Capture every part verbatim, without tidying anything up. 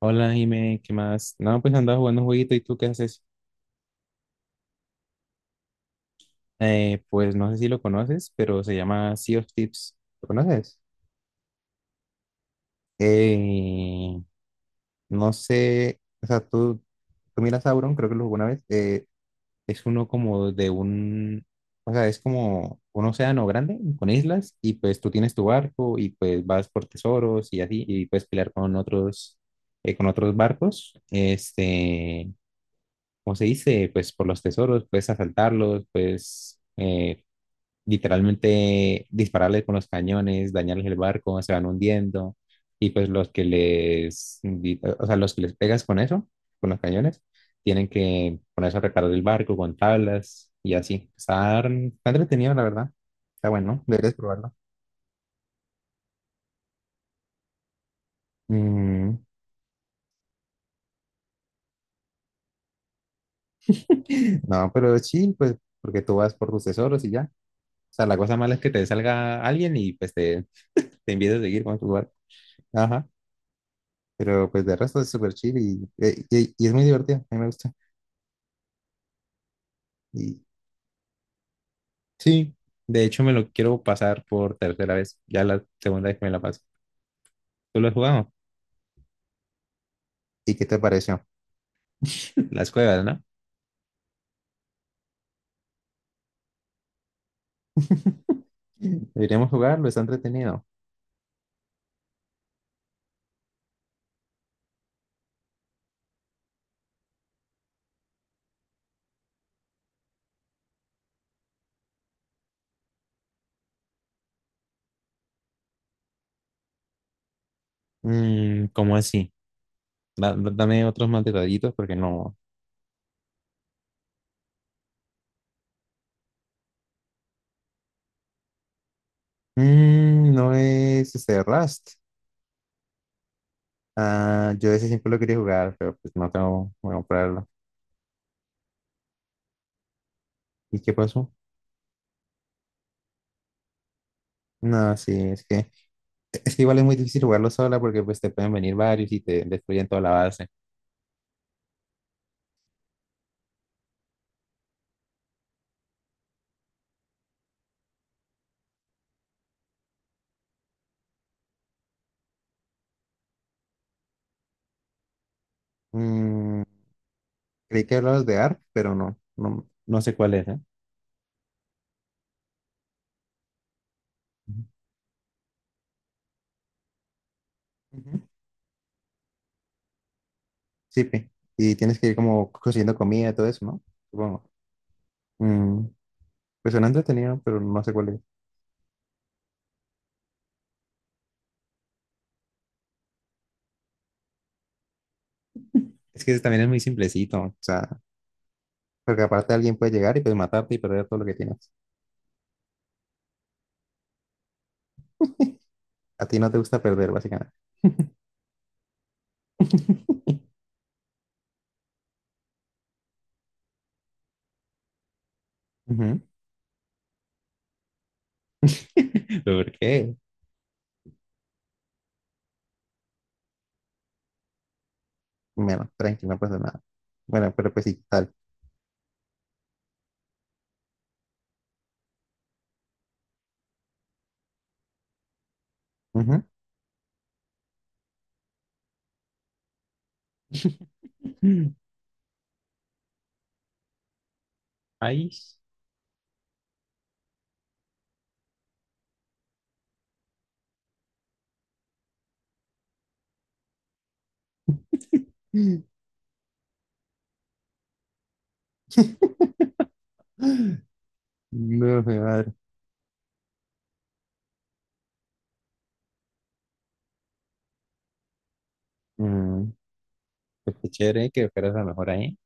Hola, Jime, ¿qué más? No, pues andaba jugando un jueguito y tú qué haces. Eh, pues no sé si lo conoces, pero se llama Sea of Tips. ¿Lo conoces? Eh, no sé, o sea, tú, tú miras Sauron, creo que lo jugó una vez. eh, es uno como de un, o sea, es como un océano grande con islas y pues tú tienes tu barco y pues vas por tesoros y así y puedes pelear con otros, eh, con otros barcos. Este, ¿cómo se dice? Pues por los tesoros, puedes asaltarlos, puedes eh, literalmente dispararles con los cañones, dañarles el barco, se van hundiendo. Y pues los que les, di- o sea, los que les pegas con eso, con los cañones, tienen que ponerse a reparar el barco con tablas y así. Está, está entretenido, la verdad. Está bueno, deberías probarlo. Mm. No, pero es chill, pues, porque tú vas por tus tesoros y ya. O sea, la cosa mala es que te salga alguien y pues te, te empieza a seguir con tu barco. Ajá, pero pues de resto es súper chill y, eh, y- y es muy divertido, a mí me gusta. Y sí, de hecho me lo quiero pasar por tercera vez, ya la segunda vez que me la paso. ¿Tú lo has jugado? ¿Y qué te pareció? Las cuevas, ¿no? Deberíamos jugarlo, está entretenido. Mm, ¿cómo así? Da- da- dame otros más detallitos porque no. Mm, no es este Rust. Ah, yo ese siempre lo quería jugar, pero pues no tengo voy a comprarlo. ¿Y qué pasó? No, sí, es que Es que igual es muy difícil jugarlo sola porque pues te pueden venir varios y te destruyen toda la base. Mm, creí que hablabas de A R P, pero no, no, no sé cuál es, ¿eh? Ujú. Ujú. Sí, pe. Y tienes que ir como consiguiendo comida, todo eso, ¿no? Supongo. Mm, pues suena entretenido, pero no sé cuál es. Es que ese también es muy simplecito, o sea, porque aparte alguien puede llegar y pues matarte y perder todo lo que tienes. A ti no te gusta perder, básicamente. Ujú. ¿Pero por qué? Bueno, tranqui, no pasa nada. Bueno, pero pues sí, tal. Ujú. País. No, mi madre. Mm, pues qué chévere que fueras la mejor ahí.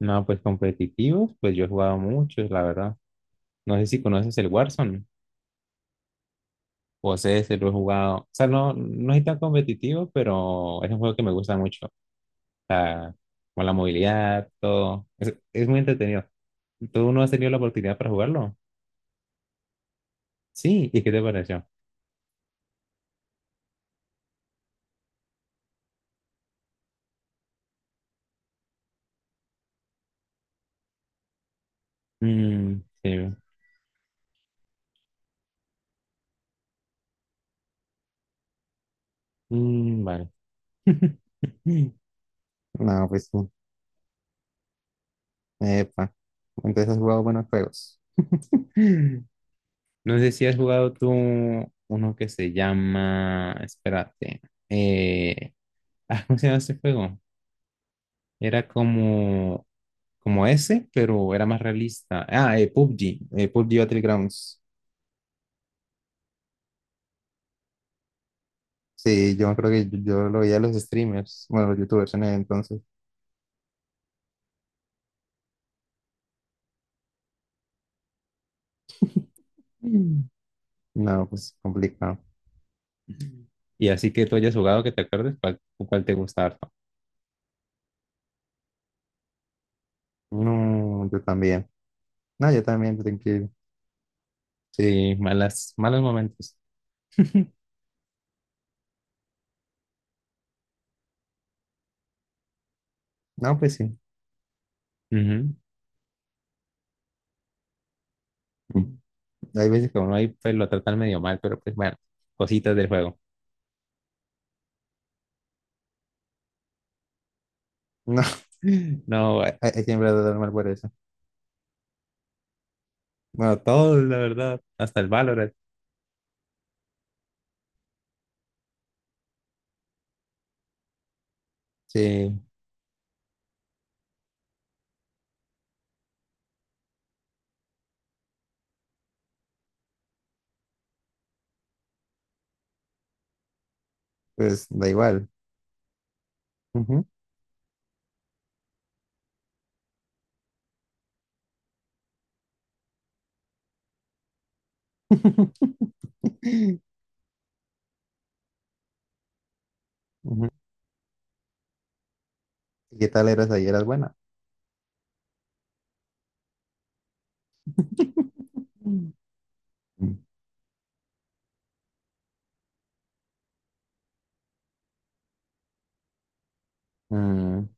No, pues competitivos, pues yo he jugado muchos, la verdad. No sé si conoces el Warzone o sé si lo he jugado. O sea, no, no es tan competitivo, pero es un juego que me gusta mucho. O sea, con la movilidad, todo. Es, es muy entretenido. ¿Tú no has tenido la oportunidad para jugarlo? Sí, ¿y qué te pareció? Mm, sí. Mm, vale. No, pues, sí. Epa, entonces has jugado buenos juegos. No sé si has jugado tú uno que se llama, espérate, eh, ah, ¿cómo se llama ese juego? Era como, como ese, pero era más realista. Ah, eh, P U B G, eh, P U B G Battlegrounds. Sí, yo creo que yo, yo lo veía a los streamers, bueno, los youtubers en ese entonces. Mm. No, pues complicado. Y así que tú hayas jugado, que te acuerdes, ¿cuál, cuál te gusta harto? No, yo también. No, yo también tengo que ir. Sí, malas, malos momentos. No, pues sí. Ujú. Hay veces que uno ahí pues, lo tratan medio mal, pero pues bueno, cositas del juego. No. No, bueno, hay, hay siempre de dar mal por eso. Bueno, todo, la verdad, hasta el Valorant. Sí, pues da igual. Ujú. Ujú. ¿Y qué tal eras ahí? ¿Eras buena? Mm, mm,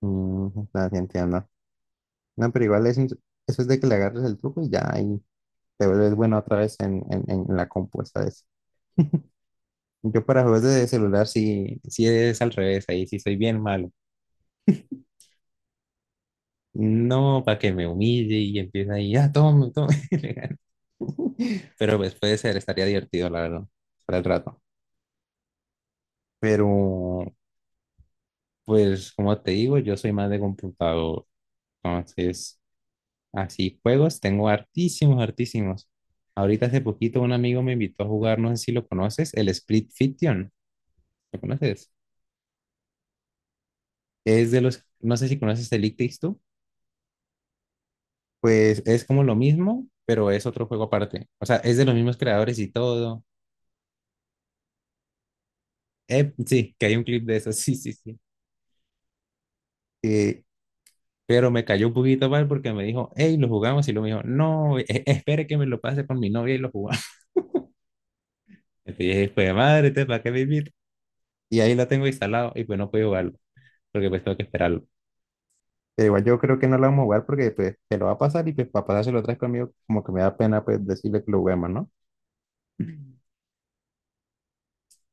mm, no, sí entiendo. No, pero igual es un- eso es de que le agarres el truco y ya ahí te vuelves bueno otra vez en, en, en la compu, ¿sabes? Yo para juegos de celular sí, sí es al revés, ahí sí soy bien malo. No, para que me humille y empieza ahí, ah, tome, tome. Pero pues puede ser, estaría divertido, la verdad, para el rato. Pero pues como te digo, yo soy más de computador. Entonces, así juegos, tengo hartísimos, hartísimos. Ahorita hace poquito un amigo me invitó a jugar, no sé si lo conoces, el Split Fiction. ¿Lo conoces? Es de los, no sé si conoces el It Takes Two, pues es como lo mismo, pero es otro juego aparte. O sea, es de los mismos creadores y todo. Eh, sí, que hay un clip de eso, sí, sí, sí. Eh, pero me cayó un poquito mal porque me dijo, hey, lo jugamos y luego me dijo, no, e- e-, espere que me lo pase con mi novia y lo jugamos. Entonces dije, pues madre, ¿te para qué vivir? Y ahí lo tengo instalado y pues no puedo jugarlo, porque pues tengo que esperarlo. Pero igual yo creo que no lo vamos a jugar porque pues te lo va a pasar y pues para pasárselo otra vez conmigo como que me da pena pues decirle que lo juguemos, ¿no?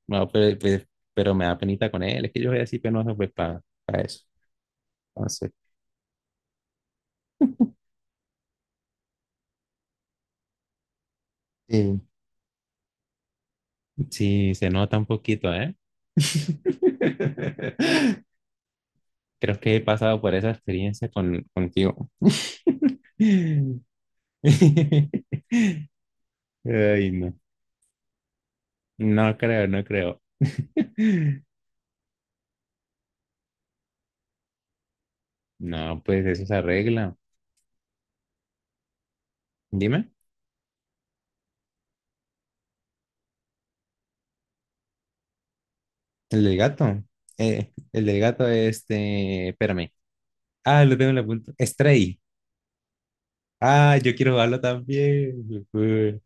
No, pero, pe- pero me da penita con él. Es que yo soy así penoso pues para eso. Entonces, sí. Sí, se nota un poquito, ¿eh? Creo que he pasado por esa experiencia con, contigo. Ay, no. No creo, no creo. No, pues eso se arregla. Dime, el del gato. Eh, el del gato, este, espérame. Ah, lo tengo en la punta. Stray. Ah, yo quiero jugarlo también. Ujú.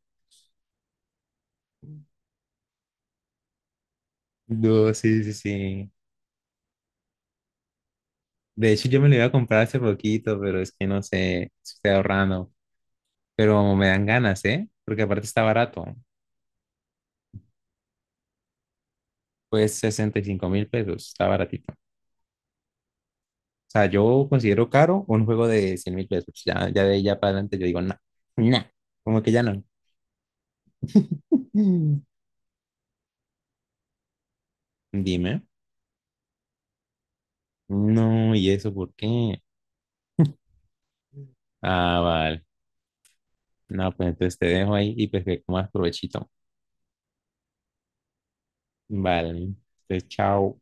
No, sí, sí, sí. De hecho, yo me lo iba a comprar hace poquito, pero es que no sé, estoy ahorrando. Pero me dan ganas, ¿eh? Porque aparte está barato. Pues sesenta y cinco mil pesos, está baratito. O sea, yo considero caro un juego de cien mil pesos. Ya, ya de ahí ya para adelante yo digo, no, no, como que ya no. Mm. Dime. No, ¿y eso por qué? Ah, vale. No, pues entonces te dejo ahí y pues que comas provechito. Vale, entonces, chao.